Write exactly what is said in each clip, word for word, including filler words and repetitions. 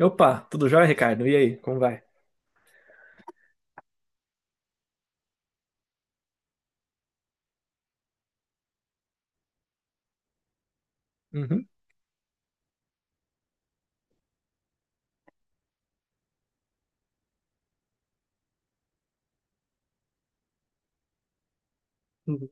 Opa, tudo jóia, Ricardo? E aí, como vai? Uhum. Uhum.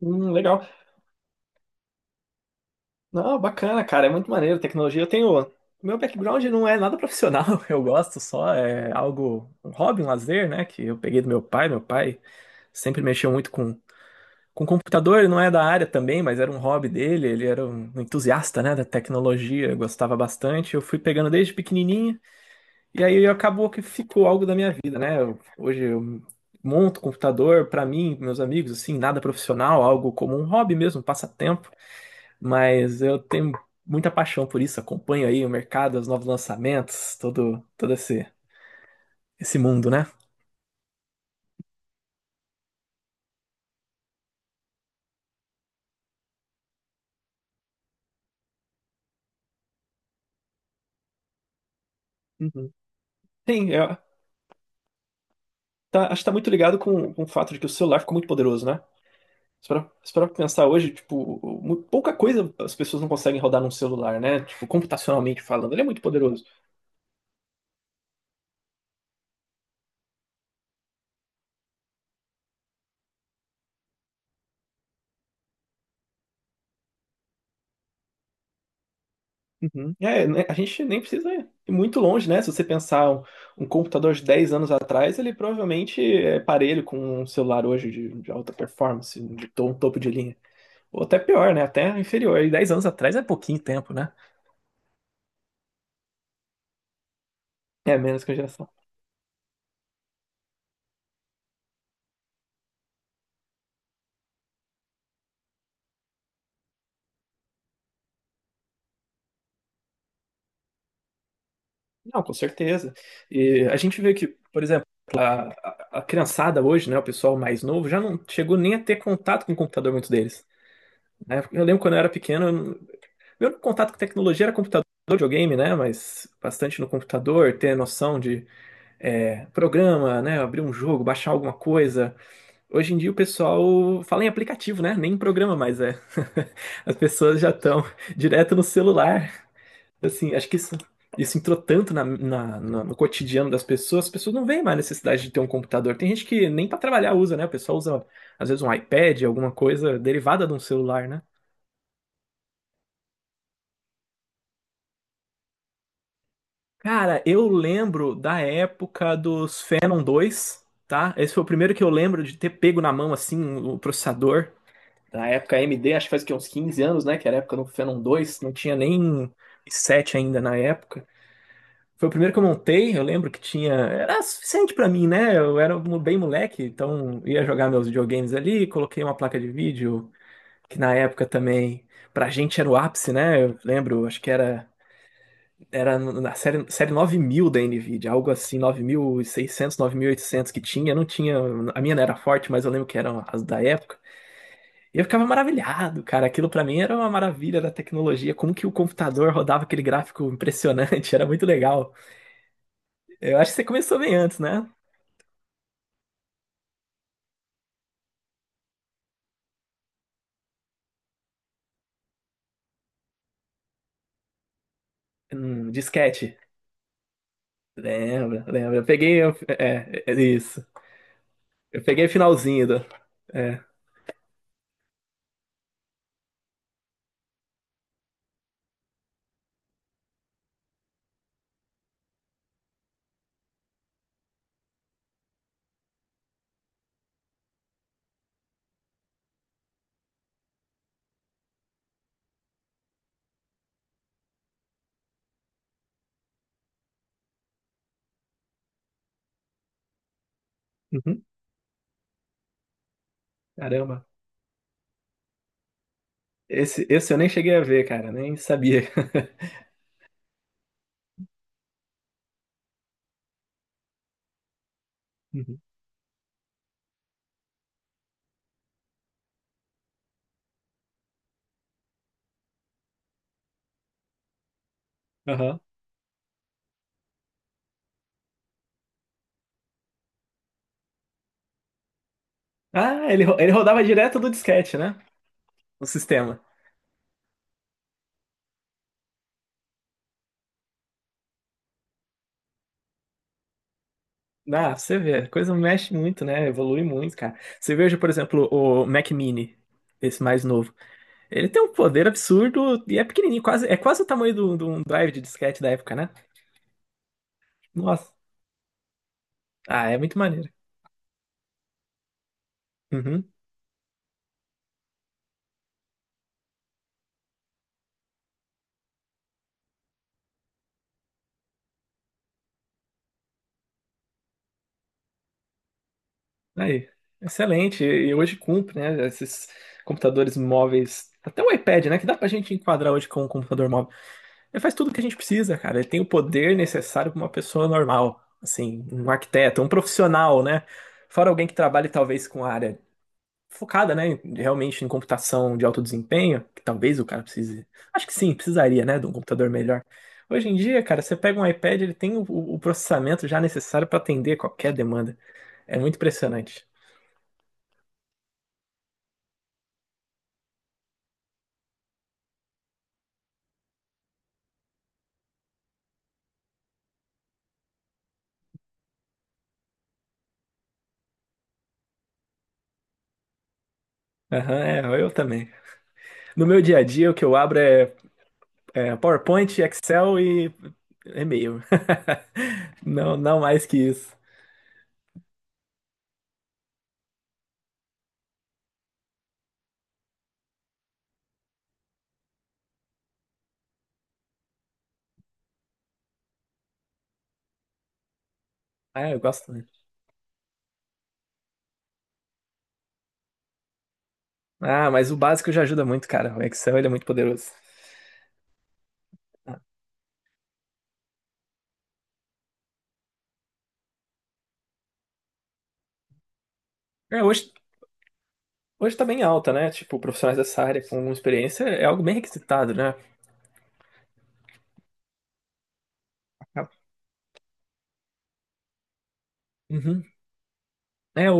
Hum, legal. Não, bacana, cara. É muito maneiro. Tecnologia. Eu tenho. Meu background não é nada profissional. Eu gosto só. É algo. Um hobby, um lazer, né? Que eu peguei do meu pai. Meu pai sempre mexeu muito com, com computador. Ele não é da área também, mas era um hobby dele. Ele era um entusiasta, né? Da tecnologia. Eu gostava bastante. Eu fui pegando desde pequenininho. E aí acabou que ficou algo da minha vida, né? Eu- hoje eu monto computador pra mim, pros meus amigos, assim, nada profissional, algo como um hobby mesmo, um passatempo, mas eu tenho muita paixão por isso, acompanho aí o mercado, os novos lançamentos, todo todo esse esse mundo, né? Uhum. Sim, eu. Tá, acho que tá muito ligado com, com o fato de que o celular ficou muito poderoso, né? Se parar se parar pra pensar hoje, tipo, mu- pouca coisa as pessoas não conseguem rodar num celular, né? Tipo, computacionalmente falando, ele é muito poderoso. Uhum. É, né, a gente nem precisa ir muito longe, né? Se você pensar um, um computador de dez anos atrás, ele provavelmente é parelho com um celular hoje de, de alta performance, de to- um topo de linha. Ou até pior, né? Até inferior. E dez anos atrás é pouquinho tempo, né? É menos que a geração. Não, com certeza. E a gente vê que, por exemplo, a, a- a criançada hoje, né, o pessoal mais novo, já não chegou nem a ter contato com o computador, muitos deles. Né? Eu lembro quando eu era pequeno, eu não- meu contato com tecnologia era computador, videogame, né, mas bastante no computador, ter noção de é, programa, né, abrir um jogo, baixar alguma coisa. Hoje em dia o pessoal fala em aplicativo, né, nem em programa mais é. As pessoas já estão direto no celular. Assim, acho que isso, isso entrou tanto na, na- na- no cotidiano das pessoas, as pessoas não veem mais necessidade de ter um computador. Tem gente que nem para trabalhar usa, né? O pessoal usa, às vezes, um iPad, alguma coisa derivada de um celular, né? Cara, eu lembro da época dos Phenom dois, tá? Esse foi o primeiro que eu lembro de ter pego na mão, assim, o processador. Na época A M D, acho que faz o quê, uns 15 anos, né? Que era a época do Phenom dois, não tinha nem i sete ainda na época. Foi o primeiro que eu montei, eu lembro que tinha. Era suficiente pra mim, né? Eu era mo- bem moleque, então ia jogar meus videogames ali, coloquei uma placa de vídeo, que na época também, pra gente era o ápice, né? Eu lembro, acho que era, era na série, série nove mil da Nvidia, algo assim, nove mil e seiscentos, nove mil e oitocentos que tinha, não tinha. A minha não era forte, mas eu lembro que eram as da época. E eu ficava maravilhado, cara. Aquilo pra mim era uma maravilha da tecnologia, como que o computador rodava aquele gráfico impressionante, era muito legal. Eu acho que você começou bem antes, né? Hum, disquete. Lembra, lembra. Eu peguei. Eu- é, é isso. Eu peguei o finalzinho do. É. Uhum. Caramba. Esse, esse eu nem cheguei a ver, cara. Nem sabia. Uhum. Aham. Ah, ele, ro- ele rodava direto do disquete, né? O sistema. Ah, pra você vê. A coisa mexe muito, né? Evolui muito, cara. Você veja, por exemplo, o Mac Mini, esse mais novo. Ele tem um poder absurdo e é pequenininho, quase, é quase o tamanho do- de um drive de disquete da época, né? Nossa. Ah, é muito maneiro. Uhum. Aí, excelente. E hoje cumpre, né? Esses computadores móveis, até o iPad, né? Que dá pra gente enquadrar hoje com um computador móvel. Ele faz tudo o que a gente precisa, cara. Ele tem o poder necessário para uma pessoa normal, assim, um arquiteto, um profissional, né? Fora alguém que trabalhe talvez com a área focada, né? Realmente em computação de alto desempenho, que talvez o cara precise. Acho que sim, precisaria, né? De um computador melhor. Hoje em dia, cara, você pega um iPad, ele tem o, o processamento já necessário para atender qualquer demanda. É muito impressionante. Aham, é, eu também. No meu dia a dia, o que eu abro é, é PowerPoint, Excel e e-mail. Não, não mais que isso. Ah, eu gosto. Né? Ah, mas o básico já ajuda muito, cara. O Excel, ele é muito poderoso. É, hoje, hoje tá bem alta, né? Tipo, profissionais dessa área com experiência é algo bem requisitado, né? Uhum. É, o,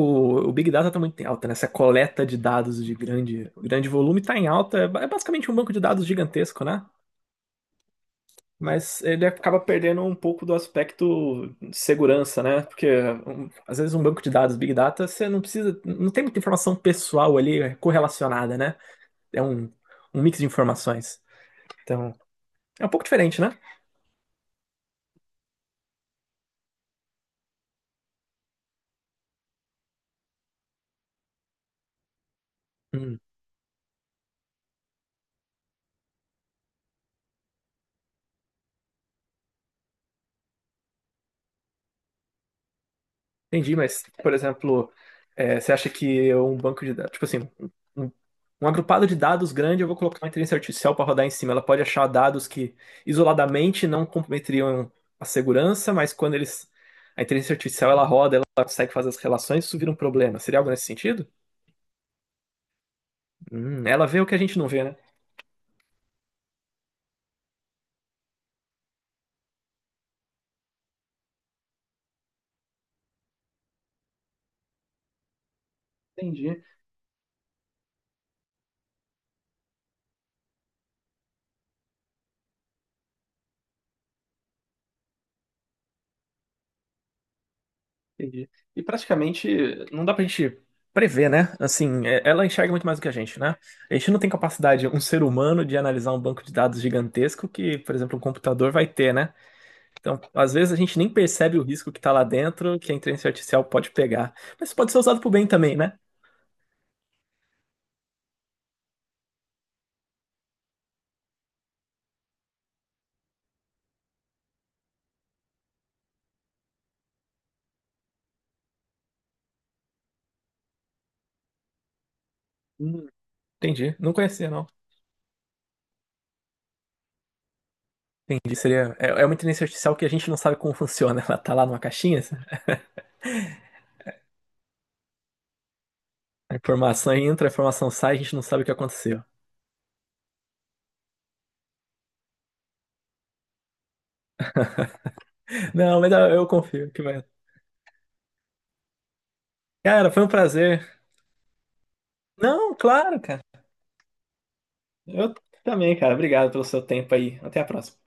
o Big Data tá muito em alta, né? Essa coleta de dados de grande, grande volume tá em alta. É ba- é basicamente um banco de dados gigantesco, né? Mas ele acaba perdendo um pouco do aspecto de segurança, né? Porque um, às vezes um banco de dados Big Data, você não precisa, não tem muita informação pessoal ali é, correlacionada, né? É um, um mix de informações. Então, é um pouco diferente, né? Entendi, mas, por exemplo, é, você acha que um banco de dados, tipo assim, um, um, agrupado de dados grande, eu vou colocar uma inteligência artificial para rodar em cima. Ela pode achar dados que isoladamente não comprometeriam a segurança, mas quando eles, a inteligência artificial ela roda, ela consegue fazer as relações, isso vira um problema. Seria algo nesse sentido? Hum, ela vê o que a gente não vê, né? Entendi. Entendi. E praticamente não dá pra gente prever, né? Assim, é- ela enxerga muito mais do que a gente, né? A gente não tem capacidade, um ser humano, de analisar um banco de dados gigantesco que, por exemplo, um computador vai ter, né? Então, às vezes a gente nem percebe o risco que tá lá dentro, que a inteligência artificial pode pegar. Mas pode ser usado pro bem também, né? Hum, entendi. Não conhecia, não. Entendi. Seria, é, é uma inteligência artificial que a gente não sabe como funciona. Ela tá lá numa caixinha, assim, a informação entra, a informação sai, a gente não sabe o que aconteceu. Não, mas eu eu confio que vai. Cara, foi um prazer. Não, claro, cara. Eu também, cara. Obrigado pelo seu tempo aí. Até a próxima.